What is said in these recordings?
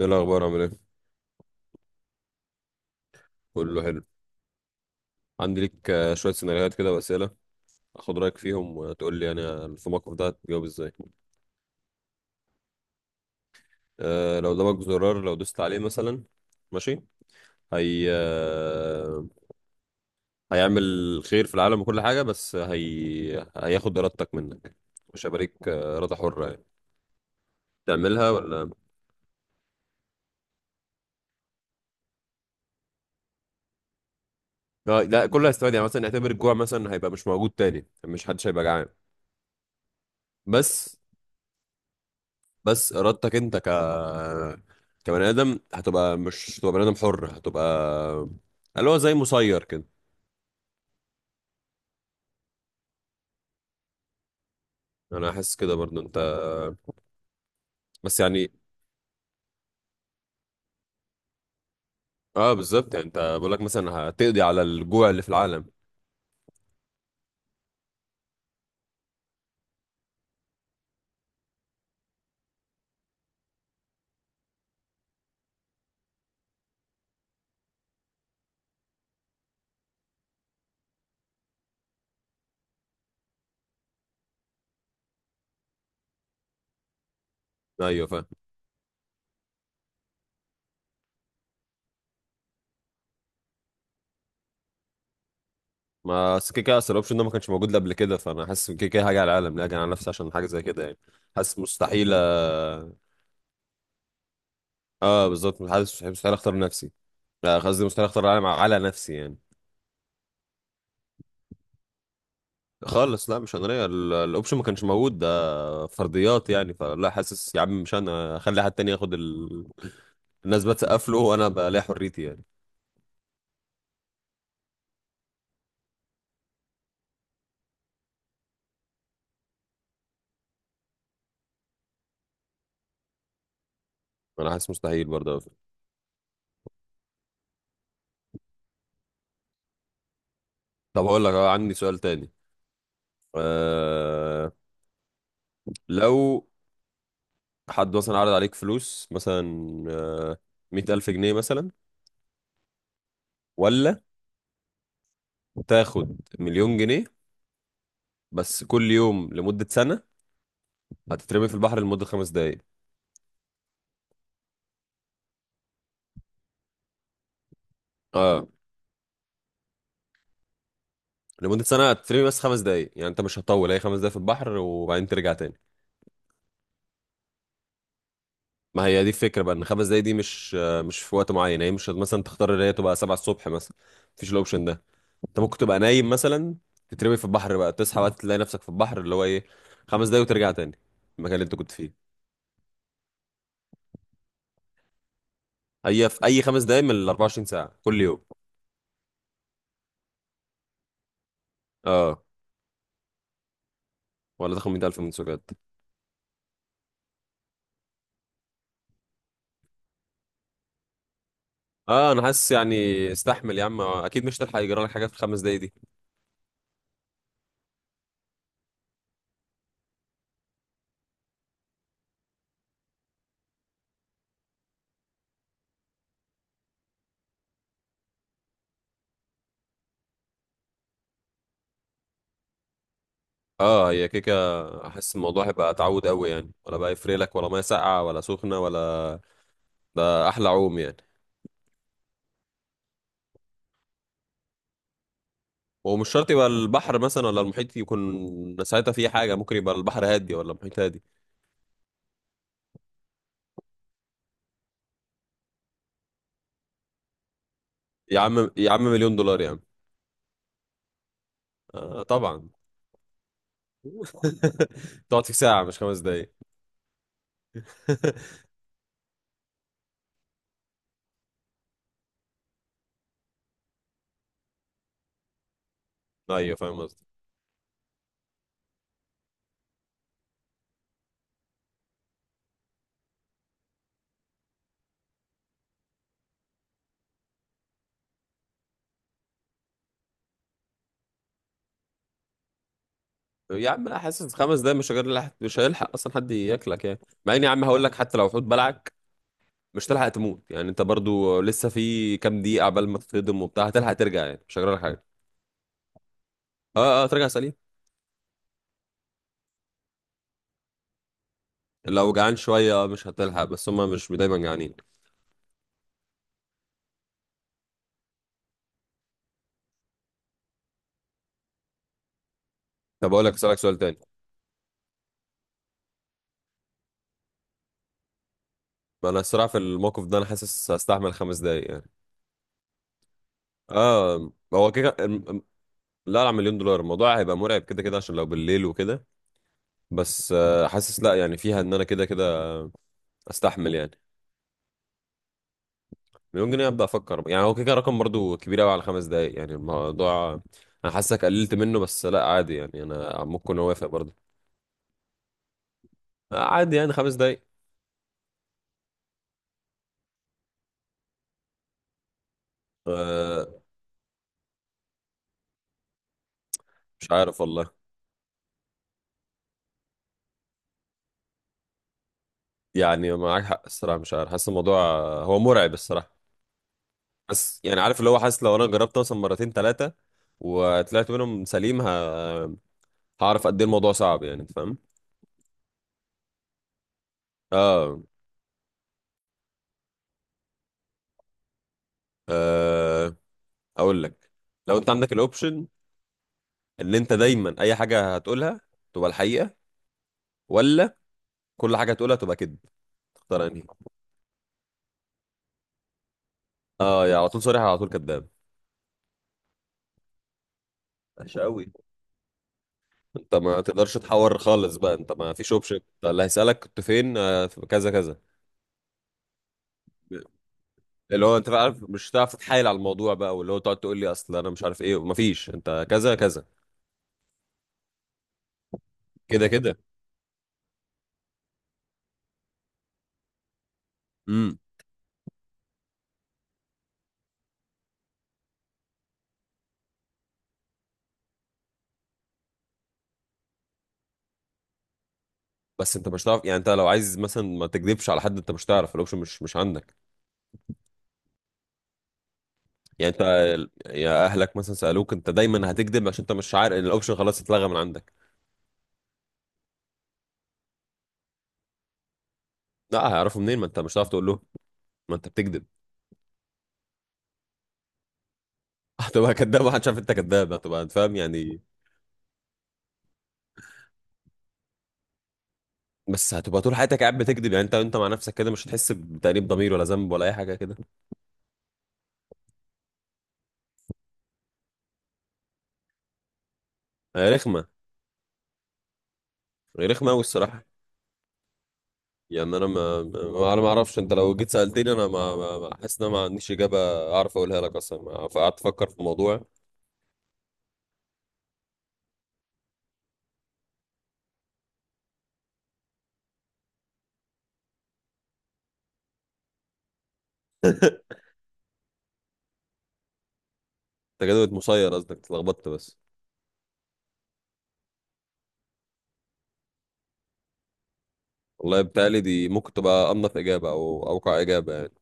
ايه الاخبار، عامل ايه؟ كله حلو. عندي ليك شويه سيناريوهات كده واسئله، اخد رايك فيهم وتقول لي يعني في الموقف ده هتجاوب ازاي. لو قدامك زرار لو دوست عليه مثلا. ماشي. هي هيعمل خير في العالم وكل حاجه، بس هي هياخد ارادتك منك. مش هيبقى ليك اراده حره يعني، تعملها ولا؟ آه لا، كله هيستفاد، يعني مثلا اعتبر الجوع مثلا هيبقى مش موجود تاني، مش حدش هيبقى جعان. بس بس ارادتك انت، كبني ادم هتبقى، مش هتبقى بني ادم حر، هتبقى اللي هو زي مسير كده. انا احس كده برضو انت، بس يعني. اه بالظبط، يعني انت بقول لك مثلا هتقضي على الجوع اللي في العالم. ايوه، فاهم. ما أصل كده كده اصل الاوبشن ده ما كانش موجود قبل كده، فانا حاسس إن كده كده هاجي على العالم، لا هاجي على نفسي عشان حاجه زي كده يعني. حاسس مستحيل، اه. آه، بالظبط، حاسس مستحيل اختار نفسي. لا قصدي مستحيل اختار العالم على نفسي يعني. خالص لا، مش انا الاوبشن ما كانش موجود، ده فرضيات يعني. فلا، حاسس يا عم، مش انا اخلي حد تاني ياخد الناس بتسقف له وانا بلاقي حريتي يعني. انا حاسس مستحيل برضه أوي. طب هقول لك، اه، عندي سؤال تاني. أه... لو حد مثلا عرض عليك فلوس مثلا، أه... 100,000 جنيه مثلا، ولا تاخد مليون جنيه بس كل يوم لمدة سنة هتترمي في البحر لمدة 5 دقايق. اه لمدة سنة هتترمي بس 5 دقايق، يعني انت مش هتطول، هي 5 دقايق في البحر وبعدين ترجع تاني. ما هي دي الفكرة بقى، ان 5 دقايق دي مش في وقت معين، يعني هي مش مثلا تختار ان هي تبقى 7 الصبح مثلا، مفيش الاوبشن ده. انت ممكن تبقى نايم مثلا، تترمي في البحر بقى، تصحى بقى تلاقي نفسك في البحر، اللي هو ايه، 5 دقايق وترجع تاني المكان اللي انت كنت فيه. هي في اي 5 دقايق من ال 24 ساعة كل يوم. اه، ولا تاخد 100,000 من سجاد. اه انا حاسس يعني، استحمل يا عم، اكيد مش هتلحق يجرى لك حاجة في الخمس دقايق. اه هي كيكه، احس الموضوع هيبقى تعود قوي يعني، ولا بقى يفرق لك ولا ميه ساقعه ولا سخنه ولا، ده احلى عوم يعني. ومش شرط يبقى البحر مثلا ولا المحيط يكون ساعتها فيه حاجه، ممكن يبقى البحر هادي ولا المحيط هادي. يا عم يا عم مليون دولار يا عم. آه طبعا. تقعد في ساعه مش 5 دقايق. ايوه فاهم قصدي. يا عم لا، حاسس 5 دقايق، مش هيلحق اصلا حد ياكلك يعني. مع اني يا عم هقول لك حتى لو حوت بلعك مش تلحق تموت، يعني انت برضو لسه في كام دقيقه عبال ما تتصدم وبتاع هتلحق ترجع، يعني مش هجرى لك حاجه. اه اه ترجع سليم. لو جعان شويه مش هتلحق، بس هما مش دايما جعانين. طب اقول لك، اسالك سؤال تاني. ما انا الصراحه في الموقف ده انا حاسس هستحمل 5 دقايق يعني. اه هو كده لا، على مليون دولار الموضوع هيبقى مرعب كده كده عشان لو بالليل وكده، بس آه، حاسس لا يعني فيها ان انا كده كده استحمل يعني. مليون جنيه ابدا افكر، يعني هو كده كده رقم برضو كبير قوي على 5 دقايق، يعني الموضوع انا حاسك قللت منه، بس لا عادي يعني، انا ممكن اوافق برضو. عادي يعني 5 دقايق. أه. مش عارف والله، يعني معاك حق الصراحه، مش عارف، حاسس الموضوع هو مرعب الصراحه. بس يعني عارف اللي هو، حاسس لو انا جربت مثلا مرتين ثلاثه وطلعت منهم سليم، هعرف قد ايه الموضوع صعب يعني، انت فاهم. اه. آه، اقول لك، لو انت عندك الاوبشن ان انت دايما اي حاجه هتقولها تبقى الحقيقه، ولا كل حاجه تقولها تبقى كذب، تختار انهي؟ اه يا على طول صريح، يا على طول كذاب. ماشي قوي. انت ما تقدرش تحور خالص بقى، انت ما فيش اوبشن، اللي هيسالك كنت فين في كذا كذا. اللي هو انت عارف مش هتعرف تتحايل على الموضوع بقى، واللي هو تقعد تقول لي اصل انا مش عارف ايه، ما فيش، انت كذا كذا كده كده. امم. بس انت مش هتعرف يعني، انت لو عايز مثلا ما تكذبش على حد، انت مش هتعرف، الاوبشن مش عندك يعني. انت يا اهلك مثلا سالوك، انت دايما هتكذب عشان انت مش عارف، الاوبشن خلاص اتلغى من عندك. لا هيعرفوا منين؟ ما انت مش هتعرف تقول له ما انت بتكذب. هتبقى كداب محدش عارف انت كداب، هتبقى انت فاهم يعني. بس هتبقى طول حياتك قاعد بتكذب، يعني انت مع نفسك كده مش هتحس بتأنيب ضمير ولا ذنب ولا اي حاجه كده. هي رخمه. هي رخمه قوي الصراحه. يعني انا انا ما اعرفش، انت لو جيت سألتني انا حاسس ان انا ما عنديش اجابه اعرف اقولها لك اصلا، فقعدت افكر في الموضوع. انت كده بقيت مسير قصدك، اتلخبطت بس. والله بتهيألي دي ممكن تبقى انظف اجابه او اوقع اجابه يعني.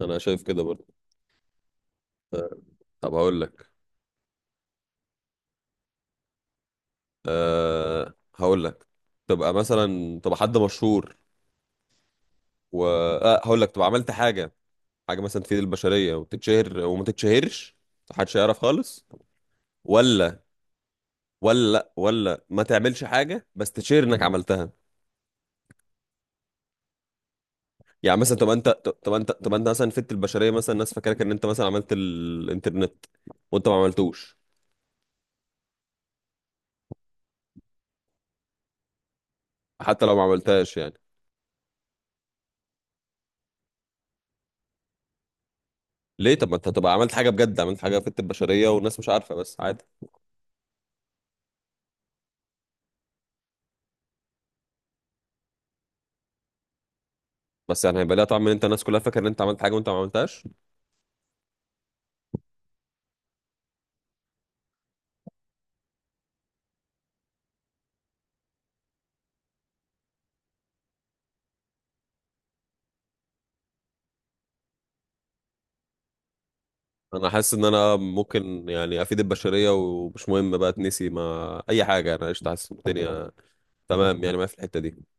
انا شايف كده برضه. طب هقول لك. هقول لك تبقى مثلا تبقى حد مشهور، و هقول لك تبقى عملت حاجه، حاجه مثلا تفيد البشريه وتتشهر، وما تتشهرش محدش يعرف خالص، ولا ولا لأ، ولا ما تعملش حاجه بس تشير انك عملتها؟ يعني مثلا تبقى انت، تبقى انت مثلا فدت البشريه، مثلا الناس فاكرك ان انت مثلا عملت الانترنت وانت ما عملتوش، حتى لو ما عملتهاش يعني. ليه؟ طب ما انت تبقى عملت حاجه بجد، عملت حاجه فدت البشريه والناس مش عارفه، بس عادي. بس يعني هيبقى ليها طعم ان انت الناس كلها فاكره ان انت عملت حاجه وانت ما عملتهاش. انا حاسس ان انا ممكن يعني افيد البشريه، ومش مهم بقى تنسي، ما اي حاجه، انا قشطه، حاسس إن الدنيا تمام يعني، ما في الحته دي.